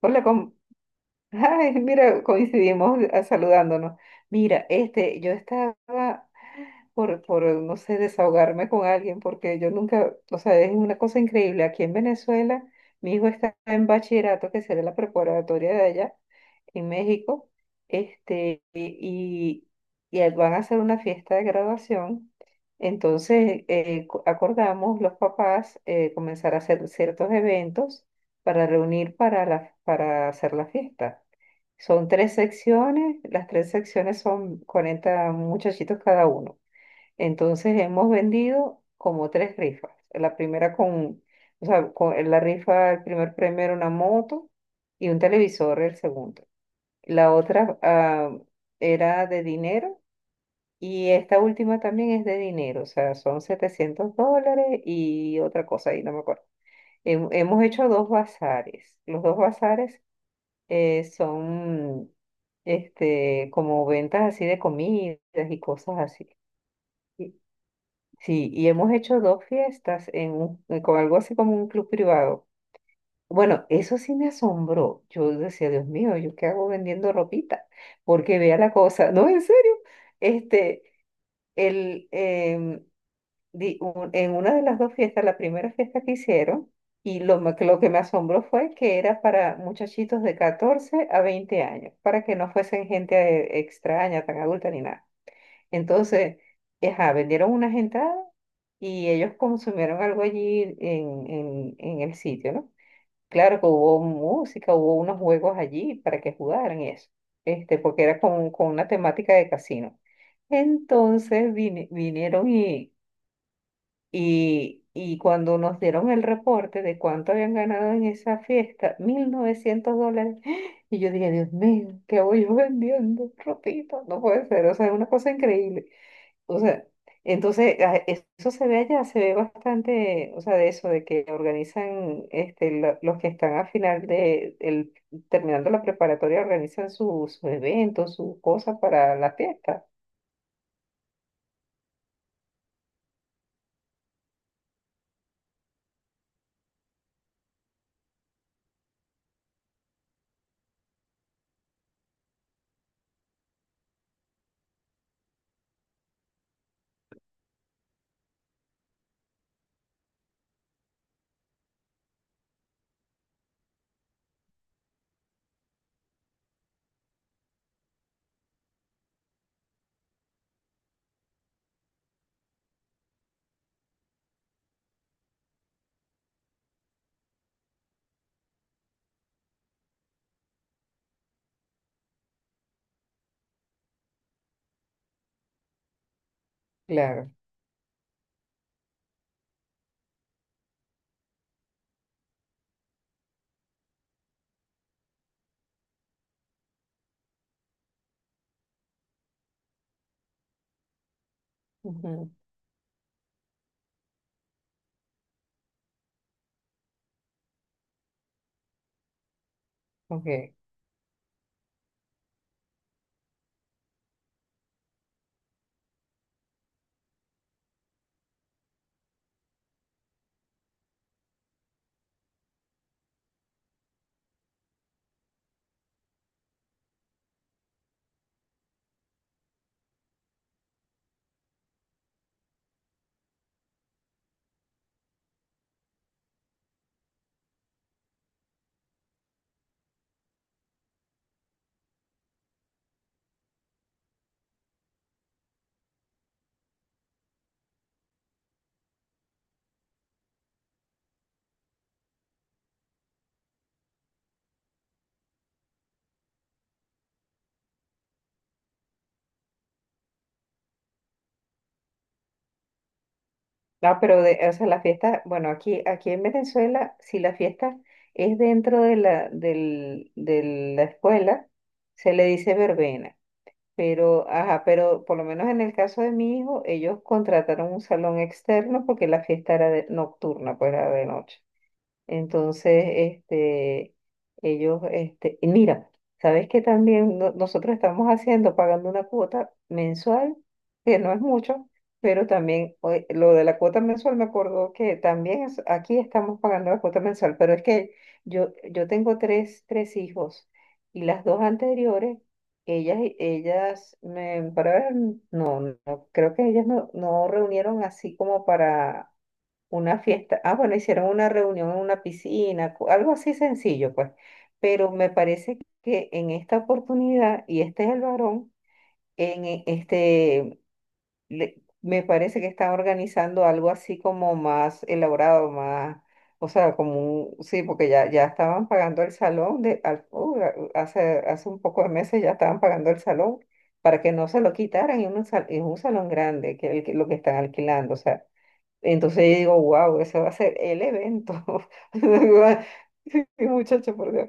Hola, ay, mira, coincidimos saludándonos. Mira, este, yo estaba no sé, desahogarme con alguien, porque yo nunca, o sea, es una cosa increíble. Aquí en Venezuela, mi hijo está en bachillerato, que será la preparatoria de allá, en México, este, y van a hacer una fiesta de graduación. Entonces, acordamos los papás comenzar a hacer ciertos eventos para reunir para, la, para hacer la fiesta. Son tres secciones, las tres secciones son 40 muchachitos cada uno. Entonces, hemos vendido como tres rifas. La primera con, o sea, con la rifa, el primer premio era una moto y un televisor el segundo. La otra era de dinero, y esta última también es de dinero, o sea, son $700 y otra cosa, ahí no me acuerdo. Hemos hecho dos bazares. Los dos bazares son este, como ventas así de comidas y cosas así. Y- Sí, y hemos hecho dos fiestas en con algo así como un club privado. Bueno, eso sí me asombró. Yo decía, Dios mío, ¿yo qué hago vendiendo ropita? Porque vea la cosa, no, en serio. Este, el, em, di- un- en una de las dos fiestas, la primera fiesta que hicieron, que lo que me asombró fue que era para muchachitos de 14 a 20 años, para que no fuesen gente extraña, tan adulta ni nada. Entonces, ajá, vendieron una gentada y ellos consumieron algo allí en, en el sitio, ¿no? Claro que hubo música, hubo unos juegos allí para que jugaran y eso, este, porque era con una temática de casino. Entonces vinieron y, y cuando nos dieron el reporte de cuánto habían ganado en esa fiesta, $1,900, y yo dije, Dios mío, ¿qué voy yo vendiendo? Ropita, no puede ser, o sea, es una cosa increíble. O sea, entonces eso se ve allá, se ve bastante, o sea, de eso, de que organizan, este, los que están al final de, el, terminando la preparatoria, organizan sus eventos, sus cosas para la fiesta. Claro. Ujú, ok. No, pero de, o sea, la fiesta, bueno, aquí, aquí en Venezuela, si la fiesta es dentro de la, del, de la escuela, se le dice verbena. Pero, ajá, pero por lo menos en el caso de mi hijo, ellos contrataron un salón externo porque la fiesta era nocturna, pues era de noche. Entonces, este, ellos, este, y mira, ¿sabes que también nosotros estamos haciendo, pagando una cuota mensual, que no es mucho, pero también oye, lo de la cuota mensual me acordó que también aquí estamos pagando la cuota mensual, pero es que yo tengo tres hijos y las dos anteriores, ellas, me, para ver, no, no, creo que ellas no reunieron así como para una fiesta. Ah, bueno, hicieron una reunión en una piscina, algo así sencillo, pues. Pero me parece que en esta oportunidad, y este es el varón, en este, me parece que está organizando algo así como más elaborado, más, o sea, como un, sí, porque ya, ya estaban pagando el salón de, hace, hace un poco de meses ya estaban pagando el salón para que no se lo quitaran, y un es un salón grande, que, lo que están alquilando, o sea. Entonces yo digo, wow, ese va a ser el evento. Sí, muchacho, por Dios.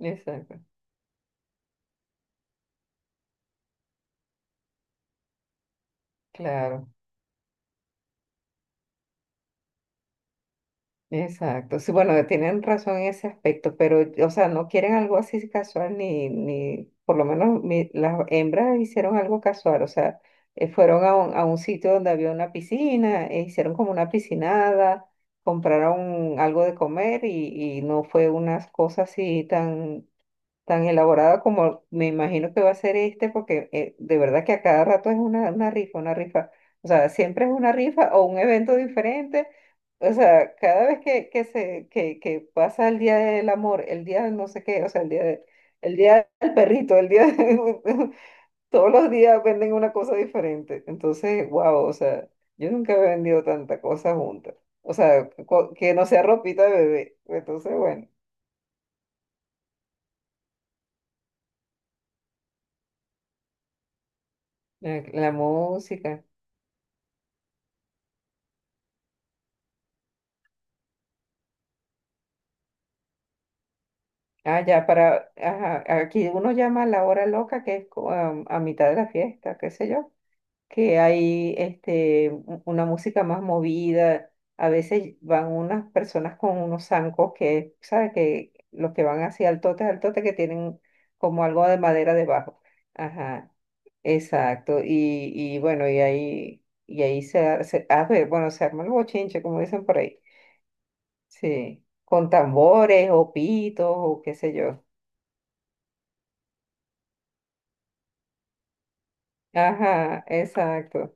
Exacto, claro, exacto. Sí, bueno, tienen razón en ese aspecto, pero, o sea, no quieren algo así casual, ni, ni, por lo menos las hembras hicieron algo casual, o sea, fueron a un sitio donde había una piscina, e hicieron como una piscinada, compraron algo de comer y no fue una cosa así tan tan elaborada como me imagino que va a ser este, porque de verdad que a cada rato es una rifa, una rifa. O sea, siempre es una rifa o un evento diferente. O sea, cada vez que pasa el día del amor, el día del no sé qué, o sea, el día el día del perrito, el día de- todos los días venden una cosa diferente. Entonces, wow, o sea, yo nunca he vendido tanta cosa junta. O sea, que no sea ropita de bebé. Entonces, bueno, la música. Ah, ya, para, ajá, aquí uno llama a la hora loca, que es a mitad de la fiesta, qué sé yo, que hay este, una música más movida, a veces van unas personas con unos zancos que, ¿sabes? Que los que van hacia el tote, al tote, que tienen como algo de madera debajo. Ajá, exacto, y bueno, y ahí a ver, bueno, se arma el bochinche, como dicen por ahí, sí, con tambores o pitos o qué sé yo. Ajá, exacto.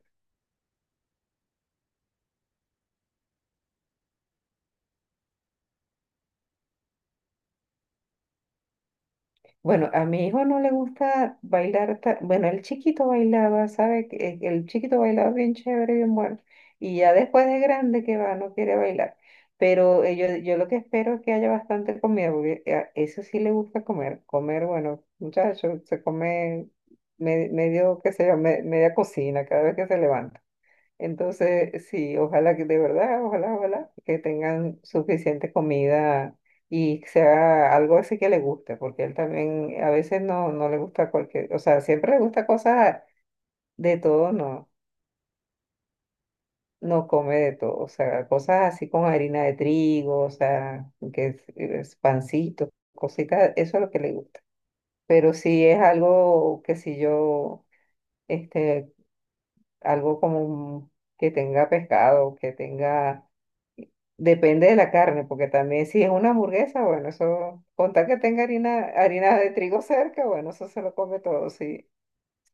Bueno, a mi hijo no le gusta bailar, bueno, el chiquito bailaba, ¿sabe? Que el chiquito bailaba bien chévere, bien bueno. Y ya después de grande que va, no quiere bailar. Pero yo, yo lo que espero es que haya bastante comida, porque eso sí le gusta comer. Comer, bueno, muchachos, se come medio, qué sé yo, media cocina cada vez que se levanta. Entonces, sí, ojalá que de verdad, ojalá, ojalá que tengan suficiente comida y que sea algo así que le guste, porque él también a veces no, no le gusta cualquier, o sea, siempre le gusta cosas de todo, no, no come de todo, o sea, cosas así con harina de trigo, o sea, que es pancito, cositas, eso es lo que le gusta. Pero si es algo que si yo, este, algo como un- que tenga pescado, que tenga depende de la carne, porque también si es una hamburguesa, bueno, eso, contar que tenga harina, harina de trigo cerca, bueno, eso se lo come todo, sí,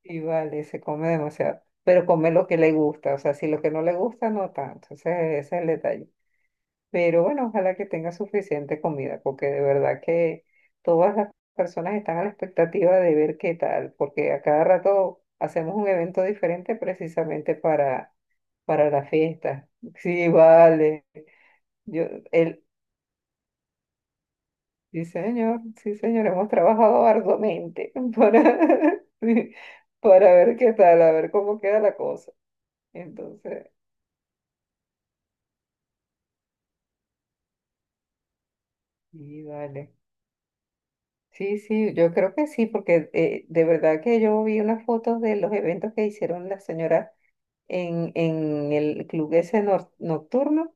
sí, vale, se come demasiado, pero come lo que le gusta, o sea, si lo que no le gusta, no tanto, ese es el detalle. Pero bueno, ojalá que tenga suficiente comida, porque de verdad que todas las personas están a la expectativa de ver qué tal, porque a cada rato hacemos un evento diferente precisamente para la fiesta. Sí, vale. Yo, el, sí, señor, sí, señor, hemos trabajado arduamente para, sí, para ver qué tal, a ver cómo queda la cosa. Entonces, sí vale. Sí, sí, yo creo que sí, porque de verdad que yo vi unas fotos de los eventos que hicieron las señoras en el club ese nocturno,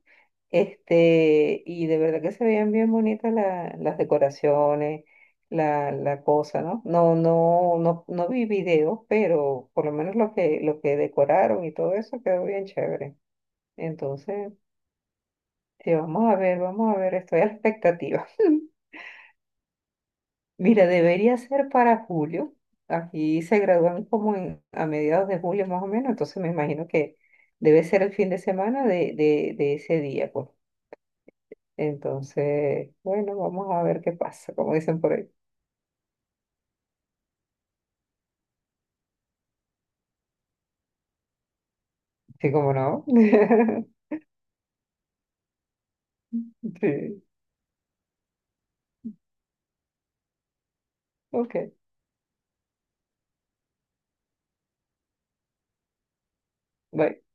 este, y de verdad que se veían bien bonitas las decoraciones, la cosa, ¿no? No vi videos, pero por lo menos lo que decoraron y todo eso quedó bien chévere. Entonces, sí, vamos a ver, estoy a la expectativa. Mira, debería ser para julio. Aquí se gradúan como a mediados de julio más o menos, entonces me imagino que debe ser el fin de semana de ese día, pues. Entonces, bueno, vamos a ver qué pasa, como dicen por ahí. Sí, como no. Sí, ok. Bye.